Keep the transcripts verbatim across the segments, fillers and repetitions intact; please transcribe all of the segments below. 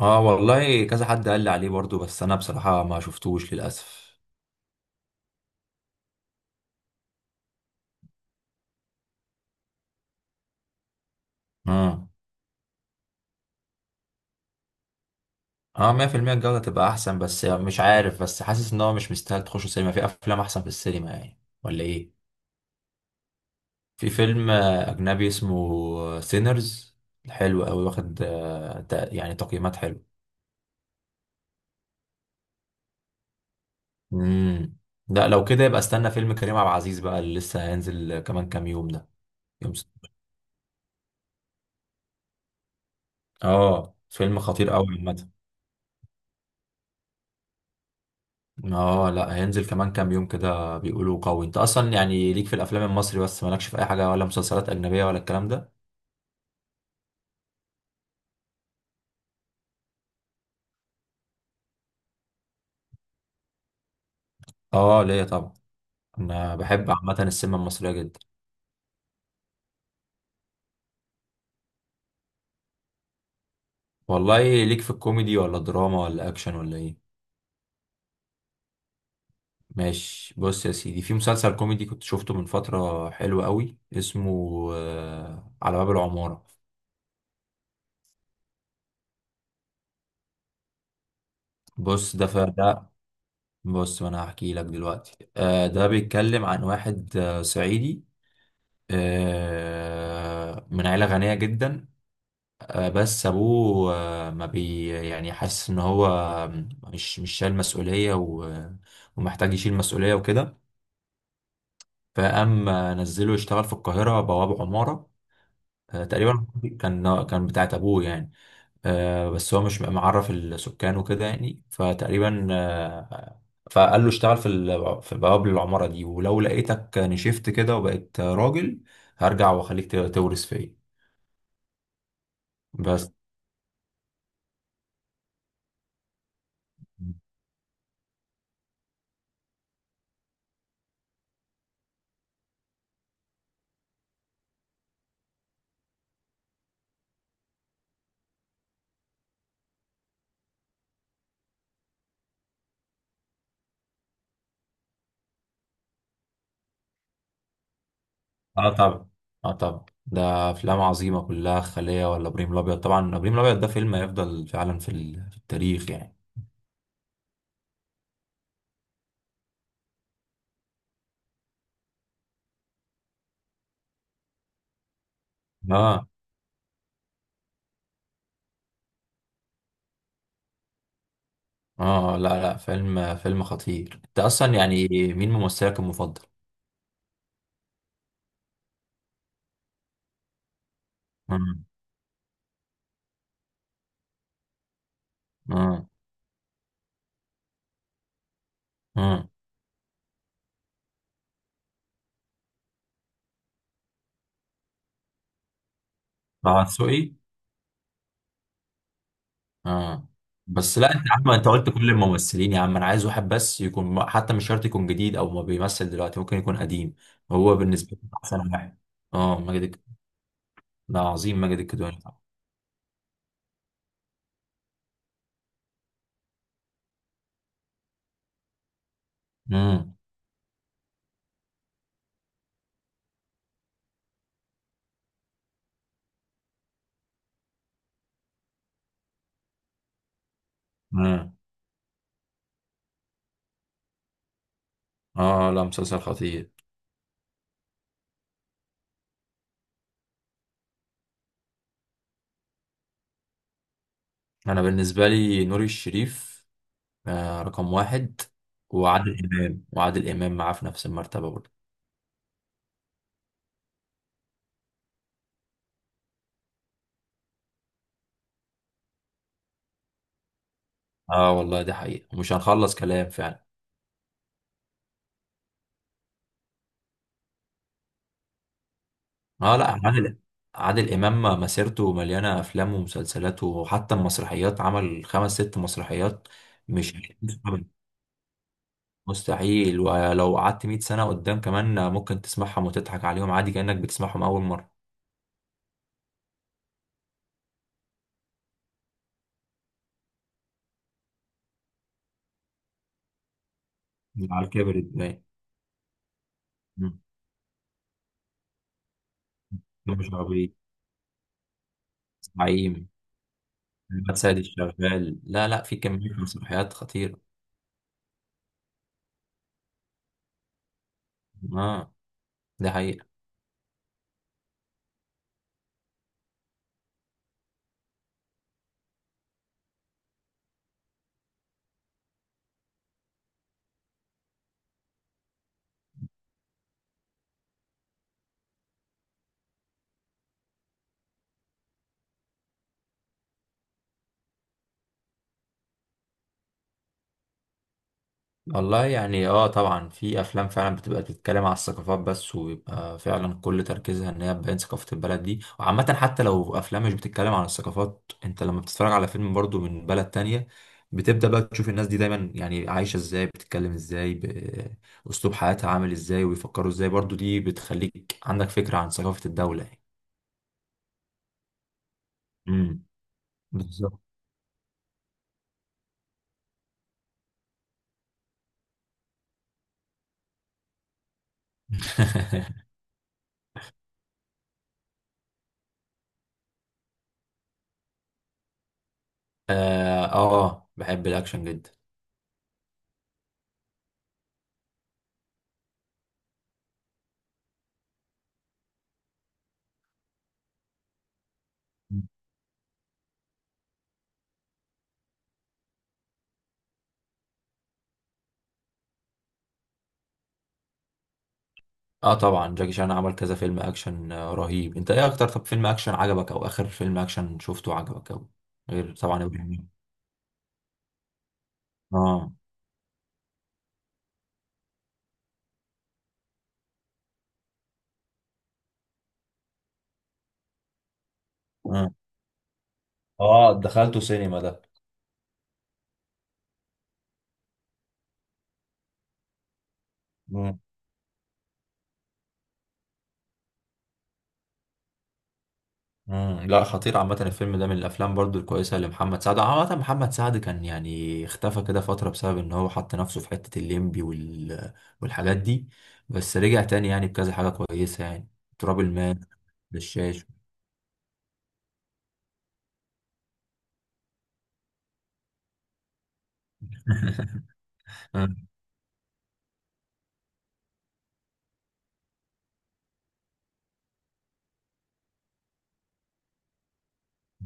اه، والله كذا حد قال لي عليه برضو، بس انا بصراحة ما شفتوش للأسف. اه. اه، مية في المية الجودة تبقى احسن، بس مش عارف، بس حاسس ان هو مش مستاهل تخش السينما، في افلام احسن في السينما يعني، ولا ايه؟ في فيلم آه، اجنبي اسمه سينرز، حلو قوي، واخد آه، تق- يعني تقييمات حلوة. امم لا، لو كده يبقى استنى فيلم كريم عبد العزيز بقى، اللي لسه هينزل كمان كام يوم ده. يوم س- اه، فيلم خطير قوي. اه، لا هينزل كمان كام يوم كده، بيقولوا قوي. انت اصلا يعني ليك في الافلام المصري بس، مالكش في اي حاجه، ولا مسلسلات اجنبيه ولا الكلام ده؟ اه، ليا طبعا. انا بحب عامه السينما المصريه جدا. والله ليك في الكوميدي ولا دراما ولا اكشن ولا ايه؟ ماشي، بص يا سيدي، في مسلسل كوميدي كنت شفته من فتره، حلو قوي، اسمه آه، على باب العماره. بص ده ف- ده. بص، ما انا هحكي لك دلوقتي. آه، ده بيتكلم عن واحد آه، صعيدي، آه، من عيلة غنية جدا. آه، بس ابوه آه، ما بي، يعني حاسس ان هو مش مش شايل مسؤوليه و- ومحتاج يشيل مسؤوليه وكده. فقام آه، نزله يشتغل في القاهره بواب عماره. آه، تقريبا كان كان بتاعت ابوه يعني. آه، بس هو مش معرف السكان وكده يعني، فتقريبا آه، فقال له اشتغل في ال- في بواب العماره دي، ولو لقيتك نشفت كده وبقيت راجل هرجع واخليك ت- تورث فيا. بس. اه طبعا. اه طبعا، ده افلام عظيمه كلها، خليه ولا ابراهيم الابيض. طبعا ابراهيم الابيض ده فيلم هيفضل فعلا في ال- في التاريخ يعني. اه. اه لا لا، فيلم فيلم خطير انت اصلا يعني. مين ممثلك المفضل؟ امم امم امم طه دسوقي. اه. بس لا، انت يا عم، انت قلت كل الممثلين، يا عم انا عايز واحد بس، يكون حتى مش شرط يكون جديد، او ما بيمثل دلوقتي ممكن يكون قديم. هو بالنسبه لي احسن واحد. اه، ماجد الك- ده عظيم، ماجد الكدواني طبعا. امم اه لا، مسلسل خطير. انا بالنسبه لي نور الشريف آه، رقم واحد. وعادل مم. امام، وعادل امام معاه في نفس المرتبه برضه. اه والله دي حقيقه ومش هنخلص كلام فعلا. اه لا، عادل عادل امام مسيرته مليانه افلام ومسلسلات، وحتى المسرحيات عمل خمس ست مسرحيات. مم. مش مستحيل، ولو قعدت مية سنة سنه قدام كمان ممكن تسمعهم وتضحك عليهم عادي كانك بتسمعهم اول مره. على كبر الدنيا، مش عربي، زعيم، محمد سيد الشغال، لا لا، في كمية مسرحيات خطيرة. اه. ده حقيقة. والله يعني اه طبعا، في افلام فعلا بتبقى بتتكلم على الثقافات، بس ويبقى فعلا كل تركيزها ان هي تبين ثقافة البلد دي. وعامة حتى لو افلام مش بتتكلم عن الثقافات، انت لما بتتفرج على فيلم برضو من بلد تانية بتبدأ بقى تشوف الناس دي دايما، يعني عايشة ازاي، بتتكلم ازاي، بأسلوب حياتها عامل ازاي، ويفكروا ازاي برضو. دي بتخليك عندك فكرة عن ثقافة الدولة يعني. امم بالظبط. اه آه، بحب الاكشن جدا. اه طبعا، جاكي شان عمل كذا فيلم اكشن آه، رهيب. انت ايه اكتر طب فيلم اكشن عجبك، او اخر فيلم اكشن شفته عجبك، او غير طبعا ابراهيم؟ اه. اه. اه دخلته سينما ده. مم. مم. لا خطير عامة، الفيلم ده من الأفلام برضو الكويسة لمحمد سعد. عامة محمد سعد كان يعني اختفى كده فترة، بسبب إن هو حط نفسه في حتة الليمبي وال... والحاجات دي. بس رجع تاني يعني بكذا حاجة كويسة يعني، تراب الماس، بالشاش.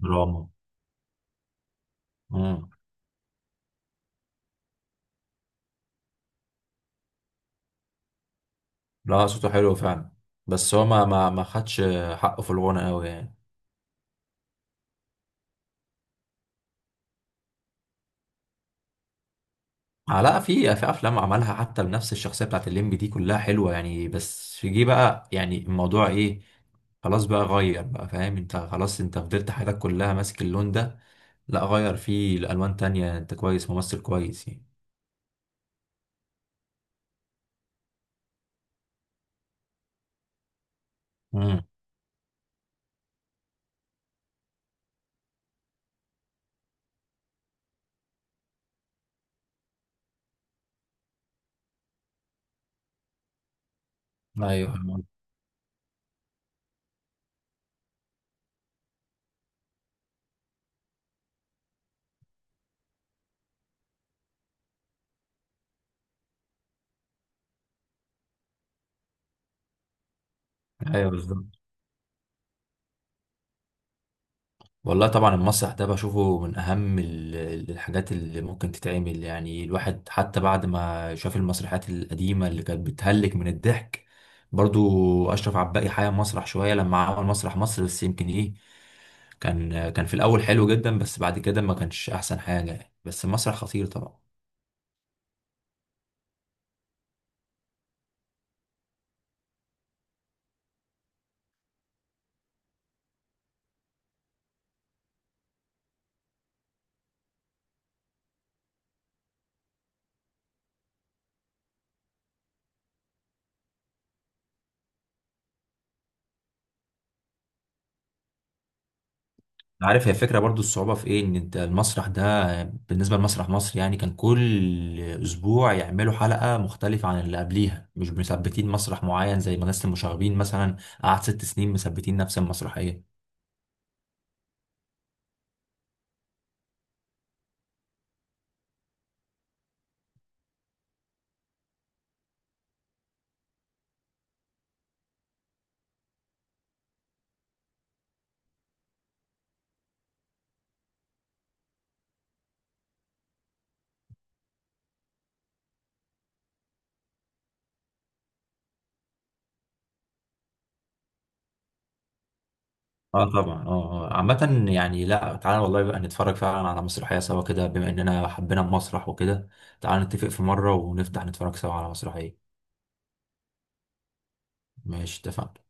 دراما. امم لا صوته حلو فعلا، بس هو ما ما ما خدش حقه في الغنى قوي يعني. آه، لا في في افلام عملها حتى بنفس الشخصيه بتاعت الليمبي دي كلها حلوه يعني، بس جه بقى يعني الموضوع ايه، خلاص بقى غير بقى، فاهم انت؟ خلاص انت فضلت حياتك كلها ماسك اللون ده، لا غير فيه لألوان تانية، انت كويس، ممثل كويس يعني. امم ايوه. ايوه بالظبط. والله طبعا المسرح ده بشوفه من أهم ال- ال- الحاجات اللي ممكن تتعمل يعني، الواحد حتى بعد ما شاف المسرحيات القديمة اللي كانت بتهلك من الضحك. برضو أشرف عباقي حيا مسرح شوية لما عمل مسرح مصر، بس يمكن إيه، كان كان في الأول حلو جدا، بس بعد كده ما كانش أحسن حاجة يعني، بس المسرح خطير طبعا. عارف هي الفكرة، برضو الصعوبة في ايه، ان انت المسرح ده بالنسبة لمسرح مصر يعني كان كل اسبوع يعملوا حلقة مختلفة عن اللي قبليها، مش مثبتين مسرح معين، زي مدرسة المشاغبين مثلا قعد ست سنين مثبتين نفس المسرحية. اه طبعا. اه آه. عامة يعني، لا تعالى والله بقى نتفرج فعلا على مسرحية سوا كده، بما اننا حبينا المسرح وكده، تعالى نتفق في مرة ونفتح نتفرج سوا على مسرحية. ماشي، اتفقنا.